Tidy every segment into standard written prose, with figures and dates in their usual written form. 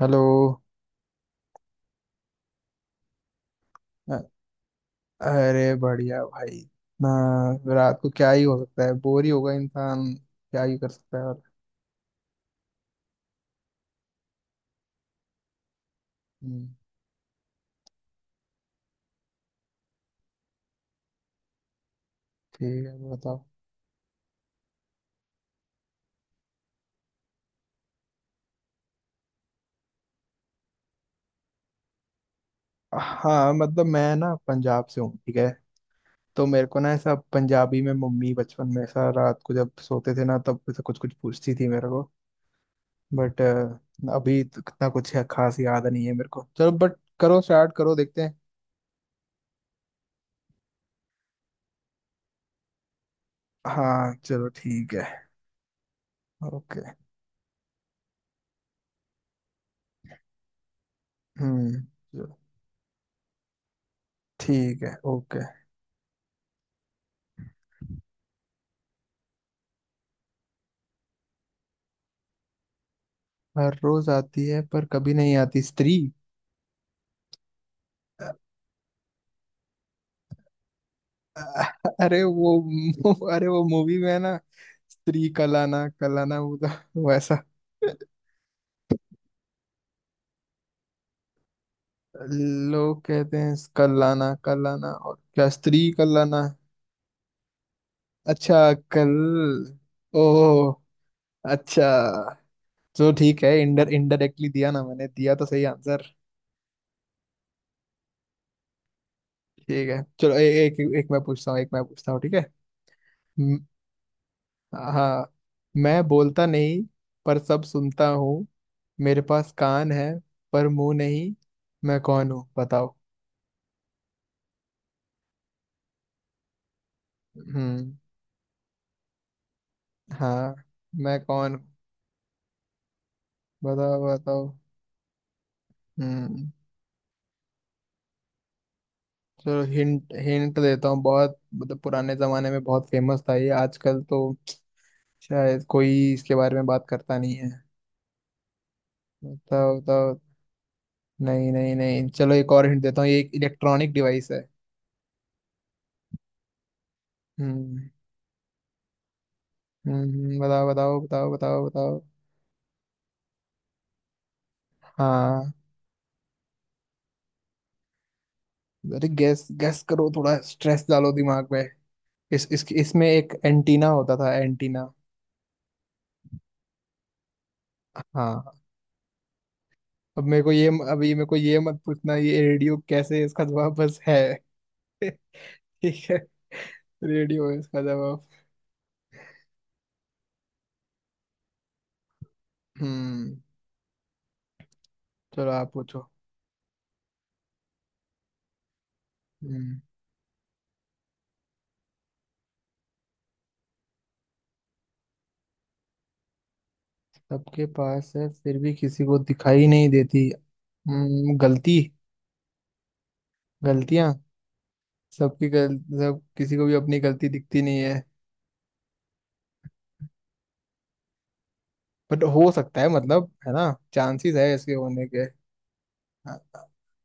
Hello. अ- अरे बढ़िया भाई। ना, रात को क्या ही हो सकता है, बोर ही होगा, इंसान क्या ही कर सकता है और हम्म, ठीक है, बताओ। हाँ मतलब, मैं ना पंजाब से हूँ, ठीक है, तो मेरे को ना ऐसा पंजाबी में मम्मी बचपन में ऐसा रात को जब सोते थे ना तब ऐसा कुछ कुछ पूछती थी मेरे को। बट अभी तो इतना कुछ है, खास याद नहीं है मेरे को। चलो बट, करो, स्टार्ट करो, देखते हैं। हाँ चलो ठीक है। ओके। चलो। ठीक है, ओके। हर रोज आती है पर कभी नहीं आती, स्त्री। अ- अरे वो अरे वो मूवी में है ना, स्त्री, कलाना कलाना, वो तो वैसा लोग कहते हैं कलाना कलाना, और क्या, स्त्री कलाना। अच्छा, कल। ओ अच्छा, तो ठीक है, इंडर इनडायरेक्टली दिया ना मैंने, दिया तो सही आंसर। ठीक है चलो। एक एक मैं पूछता हूँ, एक मैं पूछता हूँ, ठीक है। हाँ। मैं बोलता नहीं पर सब सुनता हूँ, मेरे पास कान है पर मुंह नहीं, मैं कौन हूँ बताओ। हम्म। हाँ, मैं कौन हूँ, बताओ बताओ। हम्म। चलो हिंट हिंट देता हूँ। बहुत मतलब पुराने जमाने में बहुत फेमस था ये, आजकल तो शायद कोई इसके बारे में बात करता नहीं है। बताओ बताओ। नहीं नहीं नहीं, चलो एक और हिंट देता हूँ, ये एक इलेक्ट्रॉनिक डिवाइस है। हम्म। बताओ बताओ बताओ बताओ बताओ। हाँ। अरे गैस गैस करो, थोड़ा स्ट्रेस डालो दिमाग में। इस इसमें एक एंटीना होता था, एंटीना। हाँ। अब मेरे को ये अब ये मेरे को ये मत पूछना ये रेडियो कैसे है, इसका जवाब बस है। ठीक है, रेडियो है इसका जवाब। हम्म, चलो आप पूछो। हम्म। सबके पास है फिर भी किसी को दिखाई नहीं देती। गलती। गलतियां। सबकी गल सब, किसी को भी अपनी गलती दिखती नहीं है। बट हो सकता है मतलब, है ना, चांसेस है इसके होने के। हाँ,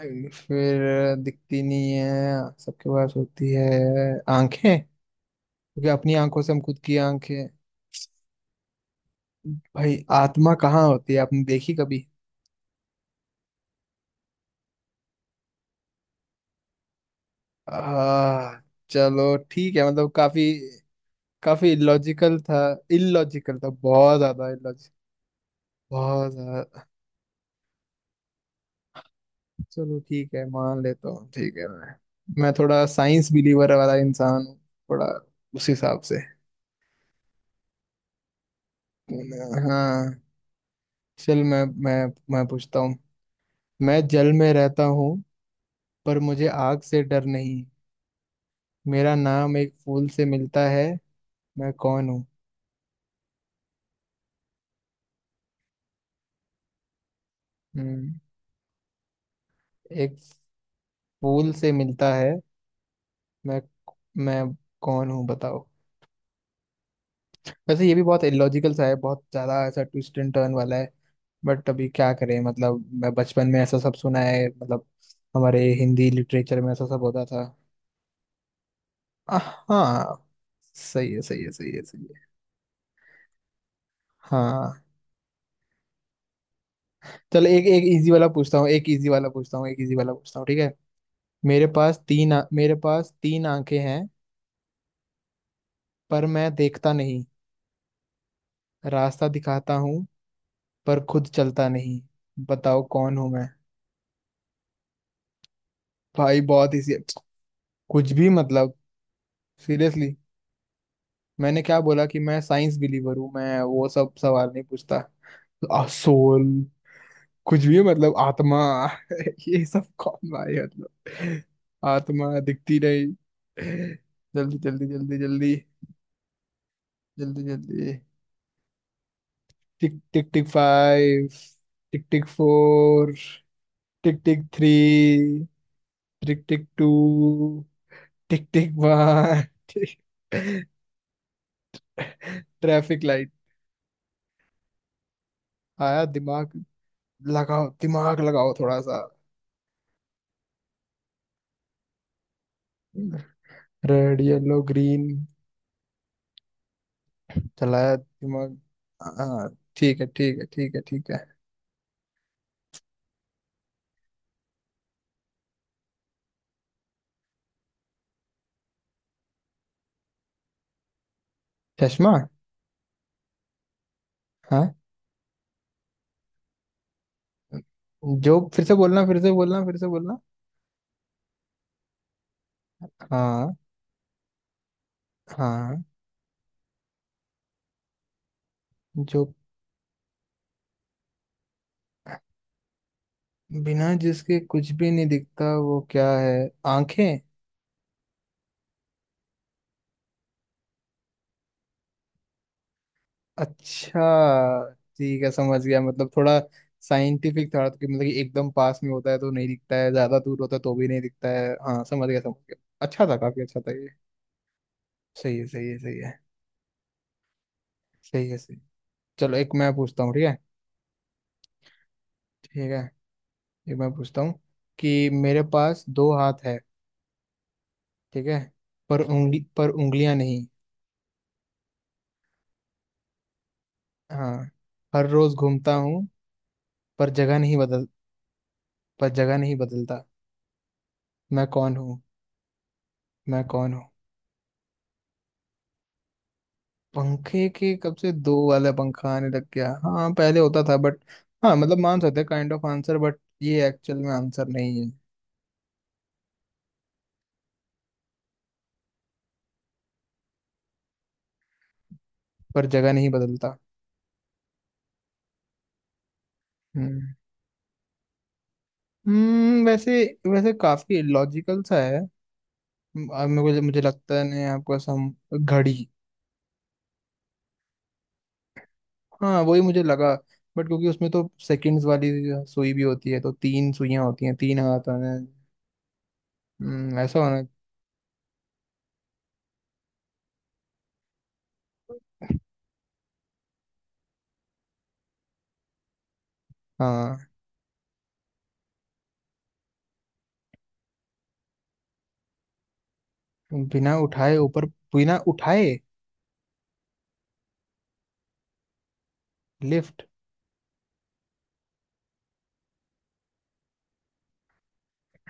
फिर दिखती नहीं है, सबके पास होती है, आंखें, क्योंकि अपनी आंखों से हम खुद की आंखें। भाई आत्मा कहाँ होती है, आपने देखी कभी? आ, चलो ठीक है, मतलब काफी, काफी इलॉजिकल था। इलॉजिकल था, बहुत ज्यादा इलॉजिकल, बहुत ज्यादा। चलो ठीक है, मान लेता हूँ, ठीक है। मैं थोड़ा साइंस बिलीवर वाला इंसान हूँ, थोड़ा, उस हिसाब से। हाँ। चल मैं पूछता हूँ। मैं जल में रहता हूँ पर मुझे आग से डर नहीं, मेरा नाम एक फूल से मिलता है, मैं कौन हूँ? हम्म, एक फूल से मिलता है। मैं मैं कौन हूँ बताओ। वैसे ये भी बहुत इलॉजिकल सा है, बहुत ज्यादा ऐसा ट्विस्ट एंड टर्न वाला है। बट अभी क्या करें, मतलब मैं बचपन में ऐसा सब सुना है, मतलब हमारे हिंदी लिटरेचर में ऐसा सब होता था। आह, हाँ, सही है सही है सही है सही है। हाँ। चल एक एक इजी वाला पूछता हूँ, एक इजी वाला पूछता हूँ, एक इजी वाला पूछता हूँ, ठीक है। मेरे पास तीन आंखें हैं पर मैं देखता नहीं, रास्ता दिखाता हूँ पर खुद चलता नहीं, बताओ कौन हूँ मैं? भाई बहुत इजी है। कुछ भी मतलब, सीरियसली, मैंने क्या बोला कि मैं साइंस बिलीवर हूँ, मैं वो सब सवाल नहीं पूछता। सोल, कुछ भी है, मतलब आत्मा, ये सब कौन भाई, मतलब। आत्मा दिखती नहीं। जल्दी जल्दी जल्दी जल्दी, जल्दी जल्दी। Tick tick tick five, tick tick four, tick tick three, tick tick two, tick tick one. Traffic light. आया दिमाग, लगाओ दिमाग, लगाओ थोड़ा सा। Red yellow green. चलाया दिमाग। हाँ ठीक है ठीक है ठीक है ठीक है। चश्मा। हाँ। जो, फिर से बोलना फिर से बोलना फिर से बोलना। हाँ। हाँ। जो, बिना जिसके कुछ भी नहीं दिखता वो क्या है, आंखें। अच्छा, ठीक है समझ गया। मतलब थोड़ा साइंटिफिक था तो, कि मतलब कि एकदम पास में होता है तो नहीं दिखता है, ज्यादा दूर होता है तो भी नहीं दिखता है। हाँ समझ गया समझ गया। अच्छा था, काफी अच्छा था ये। सही है सही है सही है सही है सही। चलो एक मैं पूछता हूँ, ठीक है, ठीक है, एक मैं पूछता हूँ कि मेरे पास दो हाथ है, ठीक है, पर उंगलियां नहीं। हाँ, हर रोज घूमता हूँ पर जगह नहीं बदल पर जगह नहीं बदलता, मैं कौन हूँ, मैं कौन हूँ? पंखे के कब से दो वाला पंखा आने लग गया? हाँ पहले होता था बट, हाँ मतलब मान सकते, काइंड ऑफ आंसर, बट ये एक्चुअल में आंसर नहीं है। पर जगह नहीं बदलता। हम्म। वैसे, वैसे काफी लॉजिकल सा है। म- आ, मुझे मुझे लगता है नहीं आपको सम, घड़ी। हाँ वही मुझे लगा, बट क्योंकि उसमें तो सेकंड्स वाली सुई भी होती है, तो तीन सुइयां होती हैं, तीन हाथ आने। ऐसा होना। हाँ, बिना उठाए ऊपर, बिना उठाए, लिफ्ट।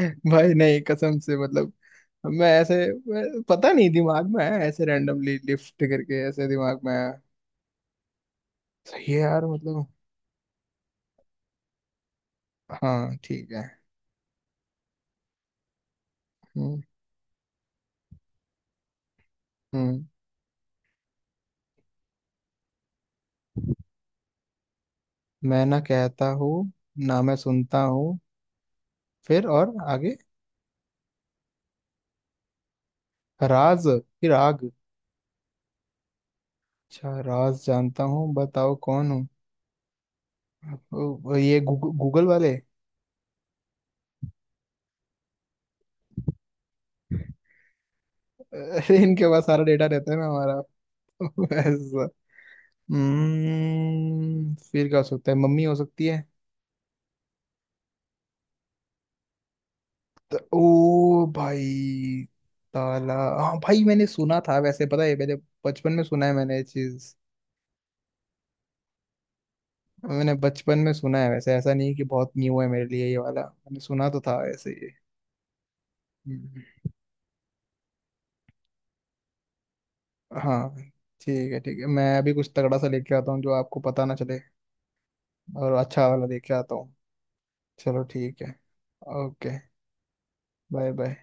भाई नहीं, कसम से मतलब, मैं ऐसे, पता नहीं दिमाग में आया ऐसे, रैंडमली लिफ्ट करके ऐसे दिमाग में आया। सही है यार, मतलब। हाँ ठीक है। हम्म। हम्म। मैं ना कहता हूँ, ना मैं सुनता हूँ, फिर और आगे? राज। फिर आग, अच्छा राज जानता हूँ, बताओ कौन हूँ। ओ, ये गूगल वाले, अरे इनके पास सारा डेटा रहता है ना हमारा। ऐसा। हम्म, फिर क्या हो सकता है, मम्मी हो सकती है। ओ भाई, ताला। हाँ भाई मैंने सुना था, वैसे पता है, मैंने बचपन में सुना है मैंने ये चीज। मैंने बचपन में सुना है, वैसे ऐसा नहीं कि बहुत न्यू है मेरे लिए, ये वाला मैंने सुना तो था ऐसे ही। हम्म, हाँ, ठीक है ठीक है, मैं अभी कुछ तगड़ा सा लेके आता हूँ जो आपको पता ना चले, और अच्छा वाला लेके आता हूँ। चलो ठीक है। ओके। Bye bye.